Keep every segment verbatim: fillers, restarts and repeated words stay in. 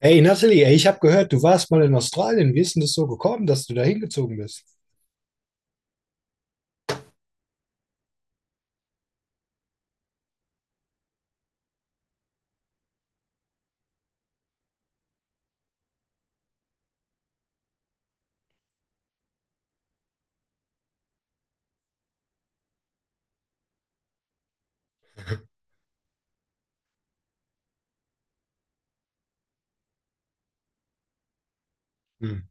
Hey Natalie, ey, ich habe gehört, du warst mal in Australien. Wie ist denn das so gekommen, dass du da hingezogen bist? Hm,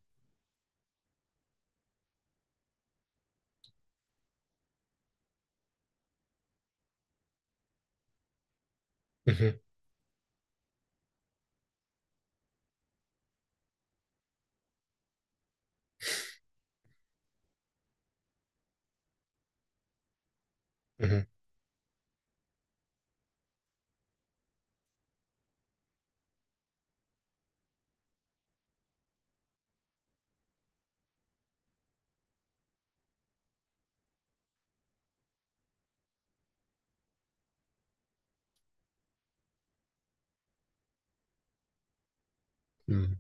mhm, mhm, mhm.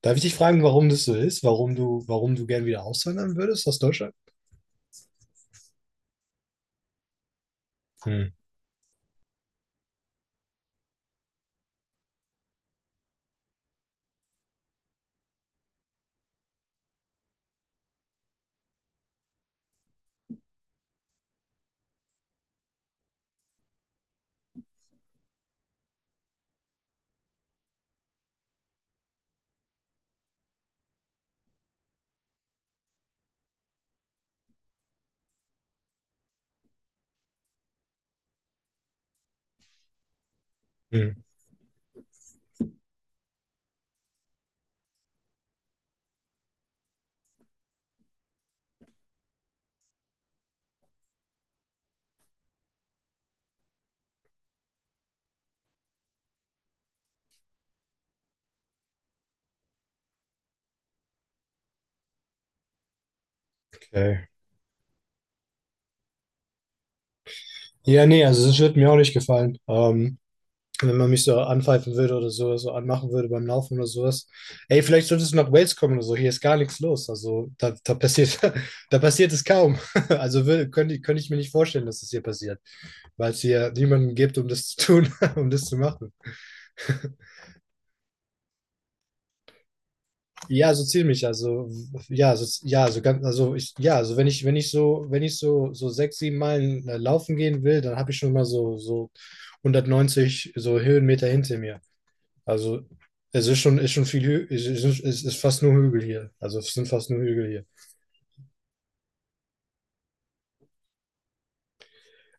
Darf ich dich fragen, warum das so ist? Warum du, warum du gern wieder auswandern würdest aus Deutschland? Hm, hm, okay. Ja, nee, also das wird mir auch nicht gefallen. Ähm, wenn man mich so anpfeifen würde oder so, so anmachen würde beim Laufen oder sowas. Ey, vielleicht solltest du nach Wales kommen oder so, hier ist gar nichts los. Also da, da passiert, da passiert es kaum. Also will, könnte, ich- könnte ich mir nicht vorstellen, dass das hier passiert, weil es hier niemanden gibt, um das zu tun, um das zu machen. Ja, so ziemlich. Also, ja, so, ja, so ganz, also ich, ja, also wenn ich, wenn ich so, wenn ich so, so sechs, sieben Meilen äh, laufen gehen will, dann habe ich schon mal so, so hundertneunzig so Höhenmeter hinter mir. Also es ist schon, ist schon viel, Hü es ist, es ist fast nur Hügel hier. Also es sind fast nur Hügel hier.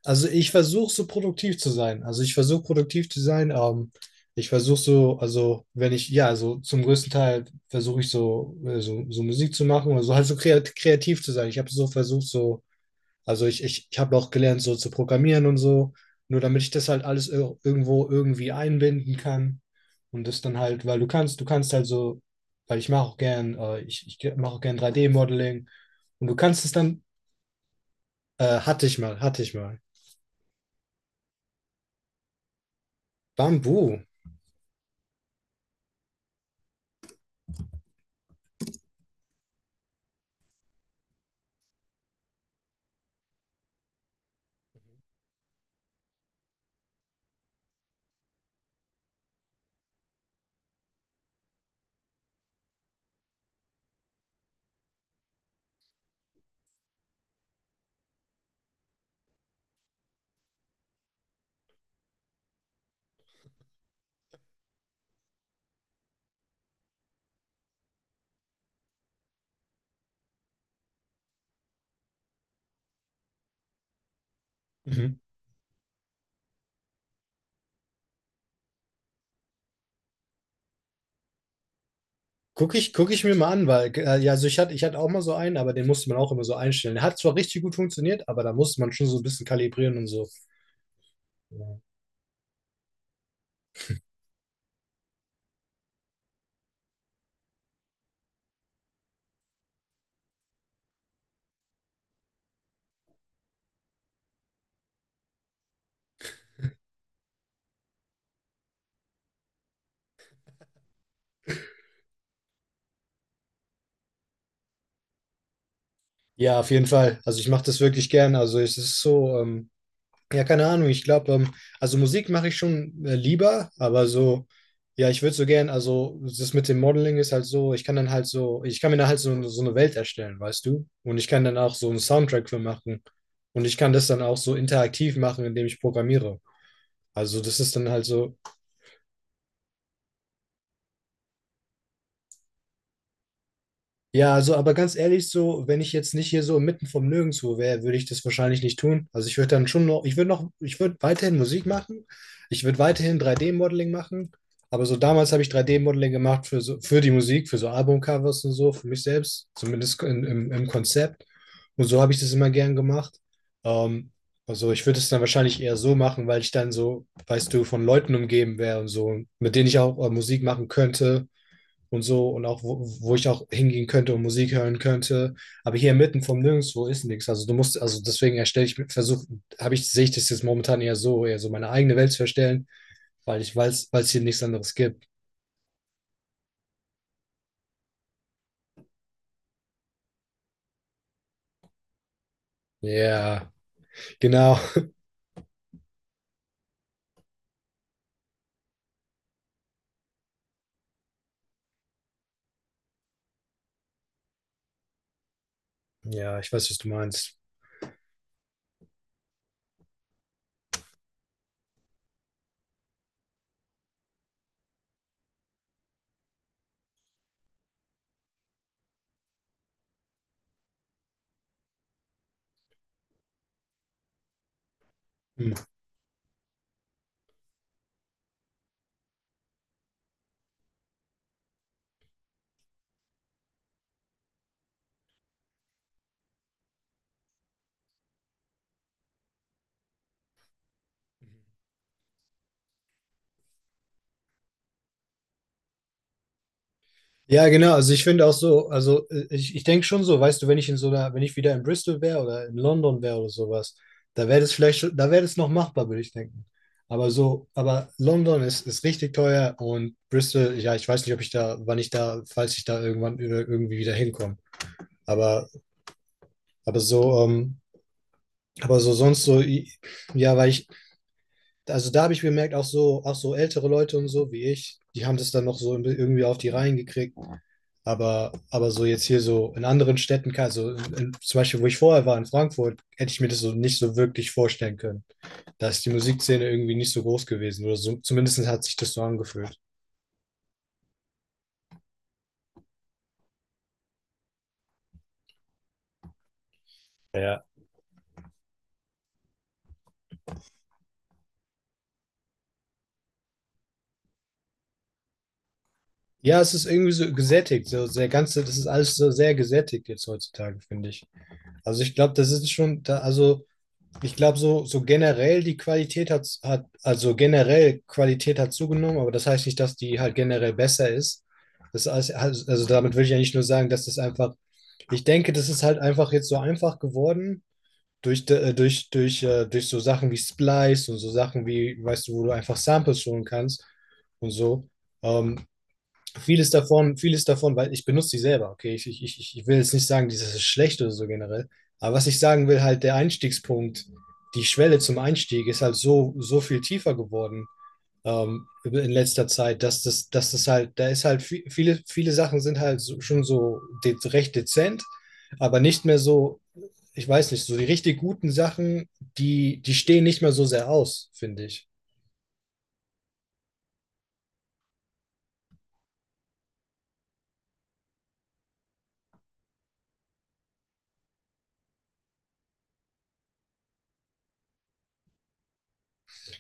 Also ich versuche so produktiv zu sein. Also ich versuche produktiv zu sein. Ähm, ich versuche so, also wenn ich, ja, also zum größten Teil versuche ich so, äh, so, so Musik zu machen oder so, halt so kreat kreativ zu sein. Ich habe so versucht, so. Also ich, ich, ich habe auch gelernt, so zu programmieren und so, nur damit ich das halt alles ir- irgendwo irgendwie einbinden kann. Und das dann halt, weil du kannst, du kannst halt so, weil ich mache auch gern, äh, ich, ich mache auch gern drei d modeling. Und du kannst es dann, äh, hatte ich mal, hatte ich mal. Bambu. Mhm. Gucke ich, guck ich mir mal an, weil, äh, ja, also ich hatte, ich hatte auch mal so einen, aber den musste man auch immer so einstellen. Der hat zwar richtig gut funktioniert, aber da musste man schon so ein bisschen kalibrieren und so. Ja, auf jeden Fall. Also ich mache das wirklich gern. Also es ist so, ähm, ja, keine Ahnung. Ich glaube, ähm, also Musik mache ich schon äh, lieber, aber so, ja, ich würde so gern, also das mit dem Modeling ist halt so, ich kann dann halt so, ich kann mir dann halt so, so, eine Welt erstellen, weißt du? Und ich kann dann auch so einen Soundtrack für machen. Und ich kann das dann auch so interaktiv machen, indem ich programmiere. Also das ist dann halt so. Ja, also, aber ganz ehrlich, so, wenn ich jetzt nicht hier so mitten vom Nirgendwo wäre, würde ich das wahrscheinlich nicht tun. Also ich würde dann schon noch, ich würde noch, ich würde weiterhin Musik machen, ich würde weiterhin drei D-Modeling machen, aber so damals habe ich drei D-Modeling gemacht für so, für die Musik, für so Albumcovers und so, für mich selbst, zumindest in, im, im Konzept. Und so habe ich das immer gern gemacht. Ähm, also ich würde es dann wahrscheinlich eher so machen, weil ich dann so, weißt du, von Leuten umgeben wäre und so, mit denen ich auch äh, Musik machen könnte und so und auch wo, wo, ich auch hingehen könnte und Musik hören könnte. Aber hier mitten vom Nirgendwo ist nichts. Also du musst, also deswegen erstelle ich, versuche, habe ich, sehe ich das jetzt momentan eher so, eher so meine eigene Welt zu erstellen, weil ich weiß, weil es hier nichts anderes gibt. Ja, genau. Ja, ich weiß, was du meinst. Hm. Ja, genau. Also ich finde auch so, also äh, ich, ich denke schon so, weißt du, wenn ich in so einer, wenn ich wieder in Bristol wäre oder in London wäre oder sowas, da wäre das vielleicht schon, da wäre das noch machbar, würde ich denken. Aber so, aber London ist, ist richtig teuer und Bristol, ja, ich weiß nicht, ob ich da, wann ich da, falls ich da irgendwann über- irgendwie wieder hinkomme. Aber, aber so, ähm, aber so sonst so, i- ja, weil ich, also da habe ich bemerkt, auch so, auch so, ältere Leute und so wie ich, die haben das dann noch so irgendwie auf die Reihen gekriegt. Aber, aber so jetzt hier so in anderen Städten, kann- also in, zum Beispiel, wo ich vorher war, in Frankfurt, hätte ich mir das so nicht so wirklich vorstellen können. Da ist die Musikszene irgendwie nicht so groß gewesen oder so, zumindest hat sich das so angefühlt. Ja, es ist irgendwie so gesättigt, so der ganze, das ist alles so sehr gesättigt jetzt heutzutage, finde ich. Also ich glaube, das ist schon, da, also ich glaube, so, so, generell die Qualität hat, hat, also generell Qualität hat zugenommen, aber das heißt nicht, dass die halt generell besser ist. Das heißt, also also damit will ich ja nicht nur sagen, dass das einfach, ich denke, das ist halt einfach jetzt so einfach geworden durch, de- äh, durch, durch, äh, durch so Sachen wie Splice und so Sachen wie, weißt du, wo du einfach Samples holen kannst und so. Ähm, Vieles davon, vieles davon, weil ich benutze die selber, okay? Ich, ich, ich ich will jetzt nicht sagen, dieses ist schlecht oder so generell. Aber was ich sagen will, halt der Einstiegspunkt, die Schwelle zum Einstieg ist halt so, so, viel tiefer geworden ähm, in letzter Zeit, dass das, dass das halt, da ist halt vi- viele, viele Sachen sind halt so, schon so de recht dezent, aber nicht mehr so, ich weiß nicht, so die richtig guten Sachen, die, die stehen nicht mehr so sehr aus, finde ich.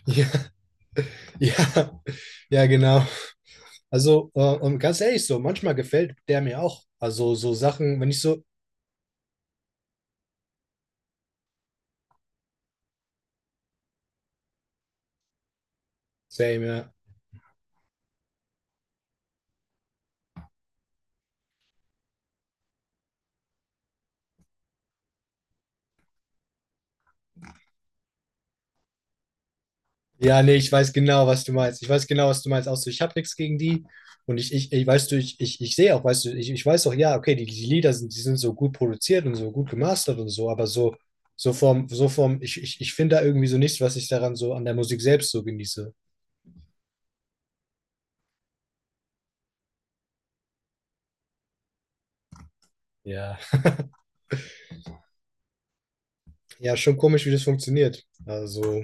Ja, ja, ja, genau. Also, äh, und ganz ehrlich, so, manchmal gefällt der mir auch. Also, so Sachen, wenn ich so, same, ja. Ja, nee, ich weiß genau, was du meinst. Ich weiß genau, was du meinst. Auch so, ich habe nichts gegen die. Und ich, ich, ich weißt du, ich, ich, ich sehe auch, weißt du, ich, ich weiß auch, ja, okay, die, die Lieder sind, die sind so gut produziert und so gut gemastert und so, aber so, so vom, so vom, ich, ich, ich finde da irgendwie so nichts, was ich daran so an der Musik selbst so genieße. Ja. Ja, schon komisch, wie das funktioniert. Also.